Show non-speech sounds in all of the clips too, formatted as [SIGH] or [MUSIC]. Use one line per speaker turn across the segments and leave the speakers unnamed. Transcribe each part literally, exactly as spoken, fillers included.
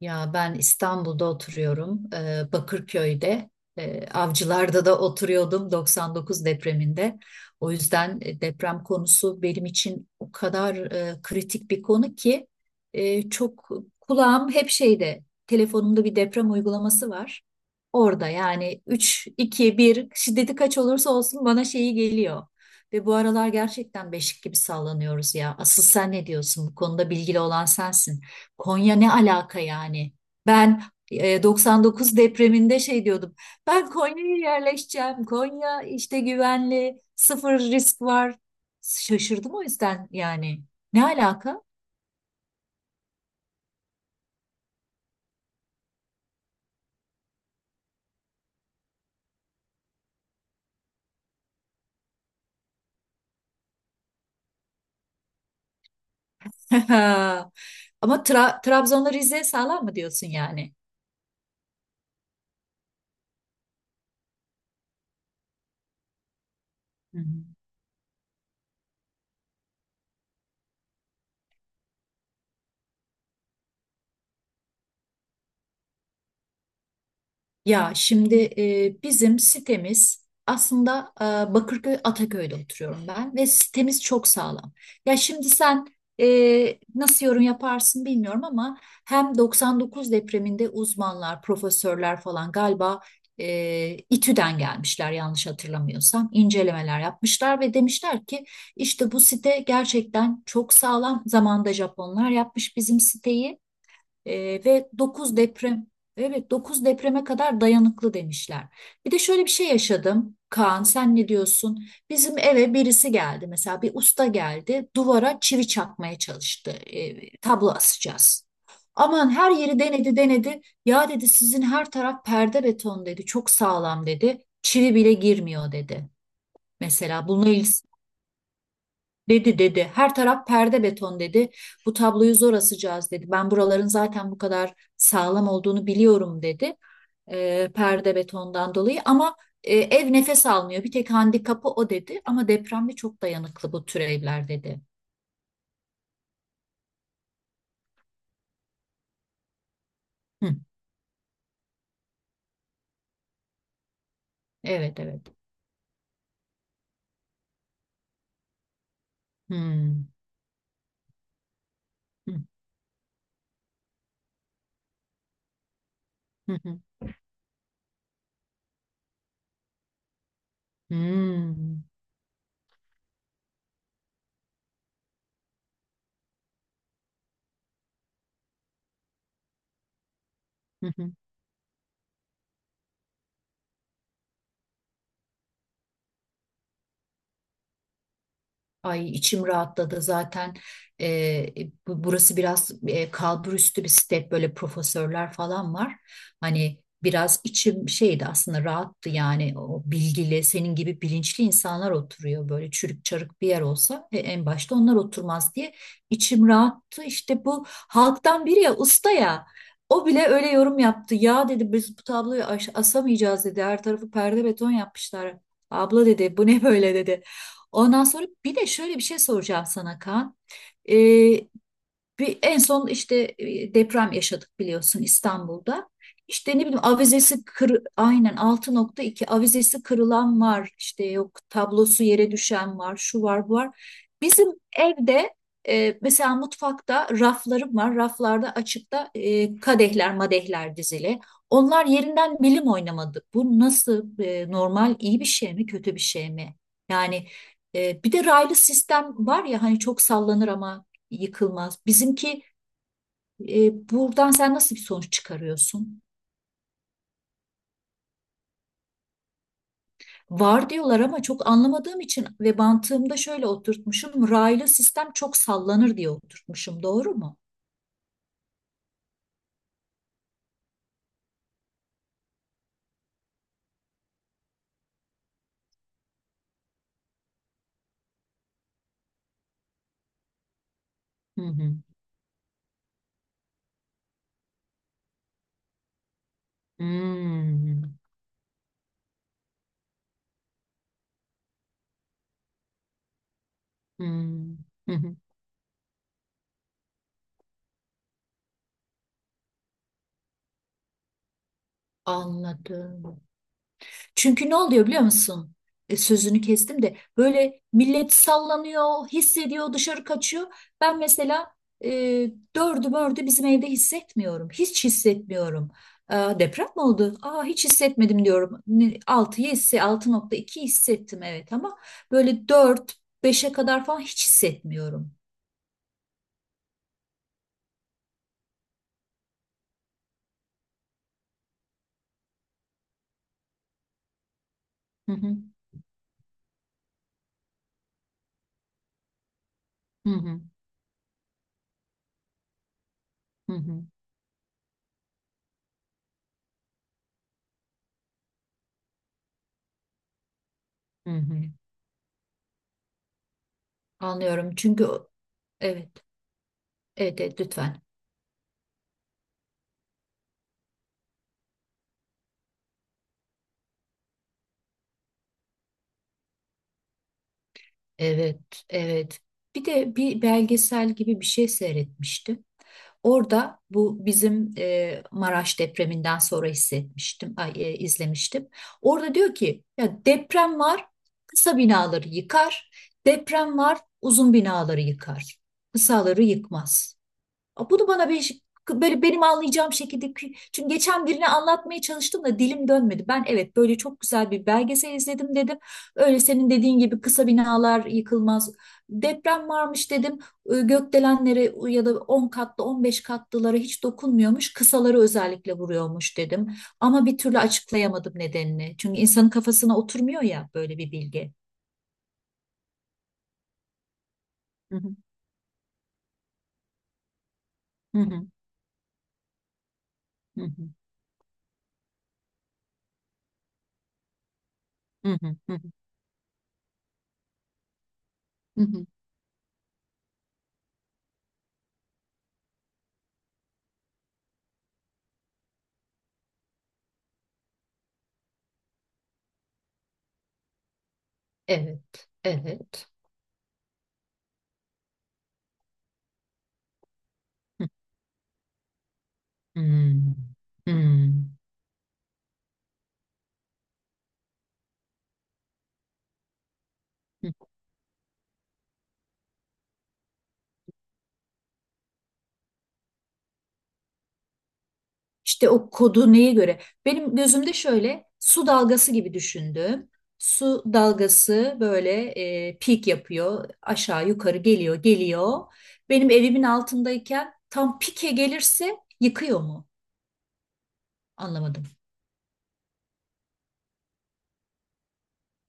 Ya ben İstanbul'da oturuyorum, eee, Bakırköy'de, eee, Avcılar'da da oturuyordum doksan dokuz depreminde. O yüzden e, deprem konusu benim için o kadar e, kritik bir konu ki e, çok kulağım hep şeyde, telefonumda bir deprem uygulaması var. Orada yani üç iki, bir şiddeti kaç olursa olsun bana şeyi geliyor. Ve bu aralar gerçekten beşik gibi sallanıyoruz ya. Asıl sen ne diyorsun? Bu konuda bilgili olan sensin. Konya ne alaka yani? Ben e, doksan dokuz depreminde şey diyordum. Ben Konya'ya yerleşeceğim. Konya işte güvenli, sıfır risk var. Şaşırdım o yüzden yani. Ne alaka? [LAUGHS] Ama Tra- Trabzon'la Rize sağlam mı diyorsun yani? Hı hı. Ya şimdi e, bizim sitemiz aslında e, Bakırköy Ataköy'de oturuyorum ben ve sitemiz çok sağlam. Ya şimdi sen e, nasıl yorum yaparsın bilmiyorum ama hem doksan dokuz depreminde uzmanlar, profesörler falan galiba e, İTÜ'den gelmişler, yanlış hatırlamıyorsam incelemeler yapmışlar ve demişler ki işte bu site gerçekten çok sağlam. Zamanında Japonlar yapmış bizim siteyi. Ee, ve dokuz deprem, evet, dokuz depreme kadar dayanıklı demişler. Bir de şöyle bir şey yaşadım. Kaan sen ne diyorsun? Bizim eve birisi geldi, mesela bir usta geldi duvara çivi çakmaya çalıştı. Ee, tablo asacağız. Aman her yeri denedi denedi. Ya dedi, sizin her taraf perde beton dedi. Çok sağlam dedi. Çivi bile girmiyor dedi. Mesela bununla il- Dedi dedi. Her taraf perde beton dedi. Bu tabloyu zor asacağız dedi. Ben buraların zaten bu kadar sağlam olduğunu biliyorum dedi. Ee, perde betondan dolayı ama e, ev nefes almıyor. Bir tek handikapı o dedi. Ama depremde çok dayanıklı bu tür evler dedi. Hı, evet evet. Hmm. Hı, hı, hı. Hmm. Hı, hı. Ay, içim rahatladı zaten. Ee, bu- burası biraz e, kalburüstü bir step, böyle profesörler falan var. Hani biraz içim şeydi aslında, rahattı yani, o bilgili senin gibi bilinçli insanlar oturuyor, böyle çürük çarık bir yer olsa e, en başta onlar oturmaz diye içim rahattı. İşte bu halktan biri, ya usta ya, o bile öyle yorum yaptı. Ya dedi biz bu tabloyu aş- asamayacağız dedi, her tarafı perde beton yapmışlar. Abla dedi bu ne böyle dedi. Ondan sonra bir de şöyle bir şey soracağım sana Kaan. Ee, Bir, en son işte e, deprem yaşadık biliyorsun İstanbul'da. İşte ne bileyim, avizesi kır, aynen, altı nokta iki avizesi kırılan var. İşte yok, tablosu yere düşen var, şu var, bu var. Bizim evde e, mesela mutfakta raflarım var. Raflarda açıkta e, kadehler, madehler dizili. Onlar yerinden milim oynamadı. Bu nasıl, e, normal, iyi bir şey mi, kötü bir şey mi? Yani e, bir de raylı sistem var ya hani, çok sallanır ama yıkılmaz. Bizimki, e, buradan sen nasıl bir sonuç çıkarıyorsun? Var diyorlar ama çok anlamadığım için ve mantığımda şöyle oturtmuşum. Raylı sistem çok sallanır diye oturtmuşum. Doğru mu? Hı hı. Hmm. Hmm. Hı hı. Anladım. Çünkü ne oluyor biliyor musun? E, sözünü kestim de, böyle millet sallanıyor, hissediyor, dışarı kaçıyor. Ben mesela e, dördü mördü bizim evde hissetmiyorum. Hiç hissetmiyorum. Aa, deprem mi oldu? Aa, hiç hissetmedim diyorum. altıyı hisse, altı nokta iki hissettim, evet, ama böyle dört, beşe kadar falan hiç hissetmiyorum. Hı hı, hı hı, hı hı, hı hı. Anlıyorum çünkü o- evet, evet, evet lütfen. Evet, evet. Bir de bir belgesel gibi bir şey seyretmiştim. Orada, bu bizim e, Maraş depreminden sonra hissetmiştim, ay, e, izlemiştim. Orada diyor ki, ya deprem var, kısa binaları yıkar. Deprem var, uzun binaları yıkar. Kısaları yıkmaz. Bunu bana bir böyle benim anlayacağım şekilde, çünkü geçen birine anlatmaya çalıştım da dilim dönmedi. Ben evet, böyle çok güzel bir belgesel izledim dedim. Öyle senin dediğin gibi kısa binalar yıkılmaz. Deprem varmış dedim. E, Gökdelenlere ya da on katlı on beş katlılara hiç dokunmuyormuş. Kısaları özellikle vuruyormuş dedim. Ama bir türlü açıklayamadım nedenini. Çünkü insanın kafasına oturmuyor ya böyle bir bilgi. Hı hı, hı hı, hı hı, hı hı, hı hı, hı hı. Evet, evet. Hmm. Hmm. İşte o kodu neye göre? Benim gözümde şöyle su dalgası gibi düşündüm. Su dalgası böyle e, peak yapıyor. Aşağı yukarı geliyor geliyor. Benim evimin altındayken tam pike gelirse yıkıyor mu? Anlamadım.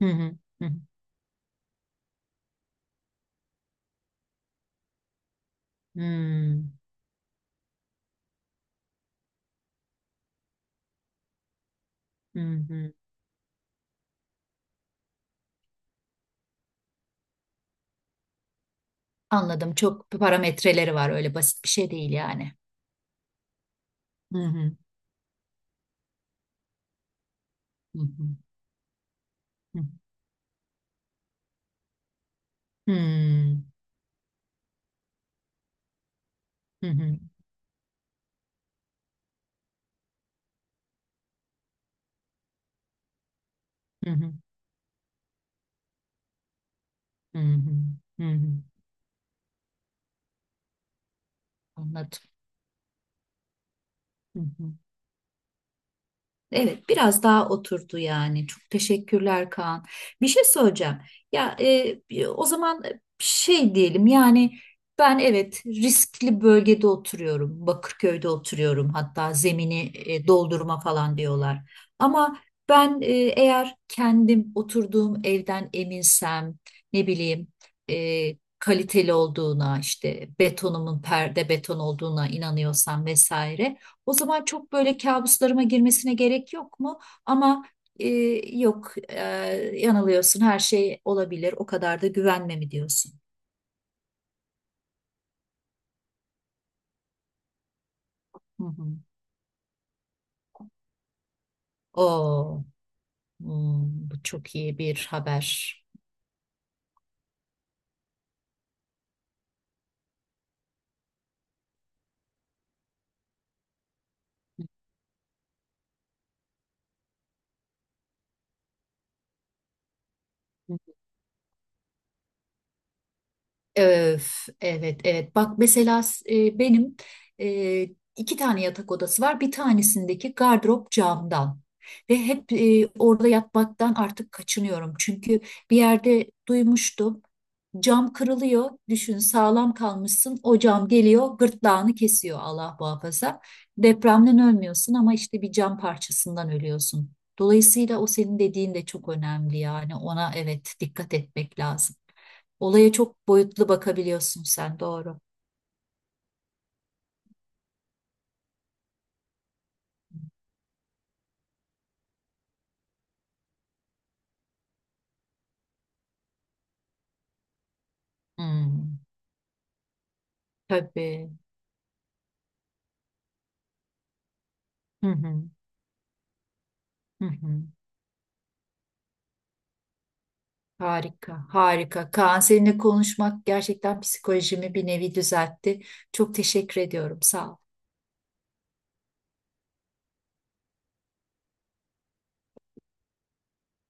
Hı hı. Hı hı. Hmm, hı hı. Anladım. Çok parametreleri var. Öyle basit bir şey değil yani. Hı hı. Hı hı. Hı hı. Hmm, hı hı. Hı hı. Hı hı. Hı hı. Anladım. Hı hı. Evet, biraz daha oturdu yani. Çok teşekkürler Kaan. Bir şey söyleyeceğim. Ya e, o zaman şey diyelim yani, ben evet riskli bölgede oturuyorum. Bakırköy'de oturuyorum. Hatta zemini e, doldurma falan diyorlar. Ama ben, e, eğer kendim oturduğum evden eminsem, ne bileyim, e, kaliteli olduğuna, işte betonumun perde beton olduğuna inanıyorsam vesaire. O zaman çok böyle kabuslarıma girmesine gerek yok mu? Ama, e, yok, e, yanılıyorsun, her şey olabilir, o kadar da güvenme mi diyorsun? Hı hı. Oo, hmm, bu çok iyi bir haber. Öf, evet evet, bak mesela e, benim e, iki tane yatak odası var, bir tanesindeki gardırop camdan ve hep e, orada yatmaktan artık kaçınıyorum çünkü bir yerde duymuştum, cam kırılıyor, düşün sağlam kalmışsın, o cam geliyor gırtlağını kesiyor, Allah muhafaza, depremden ölmüyorsun ama işte bir cam parçasından ölüyorsun. Dolayısıyla o senin dediğin de çok önemli yani, ona evet, dikkat etmek lazım. Olaya çok boyutlu bakabiliyorsun sen, doğru. Hmm, tabii. Hı hı, hı hı. Harika, harika. Kaan, seninle konuşmak gerçekten psikolojimi bir nevi düzeltti. Çok teşekkür ediyorum. Sağ ol.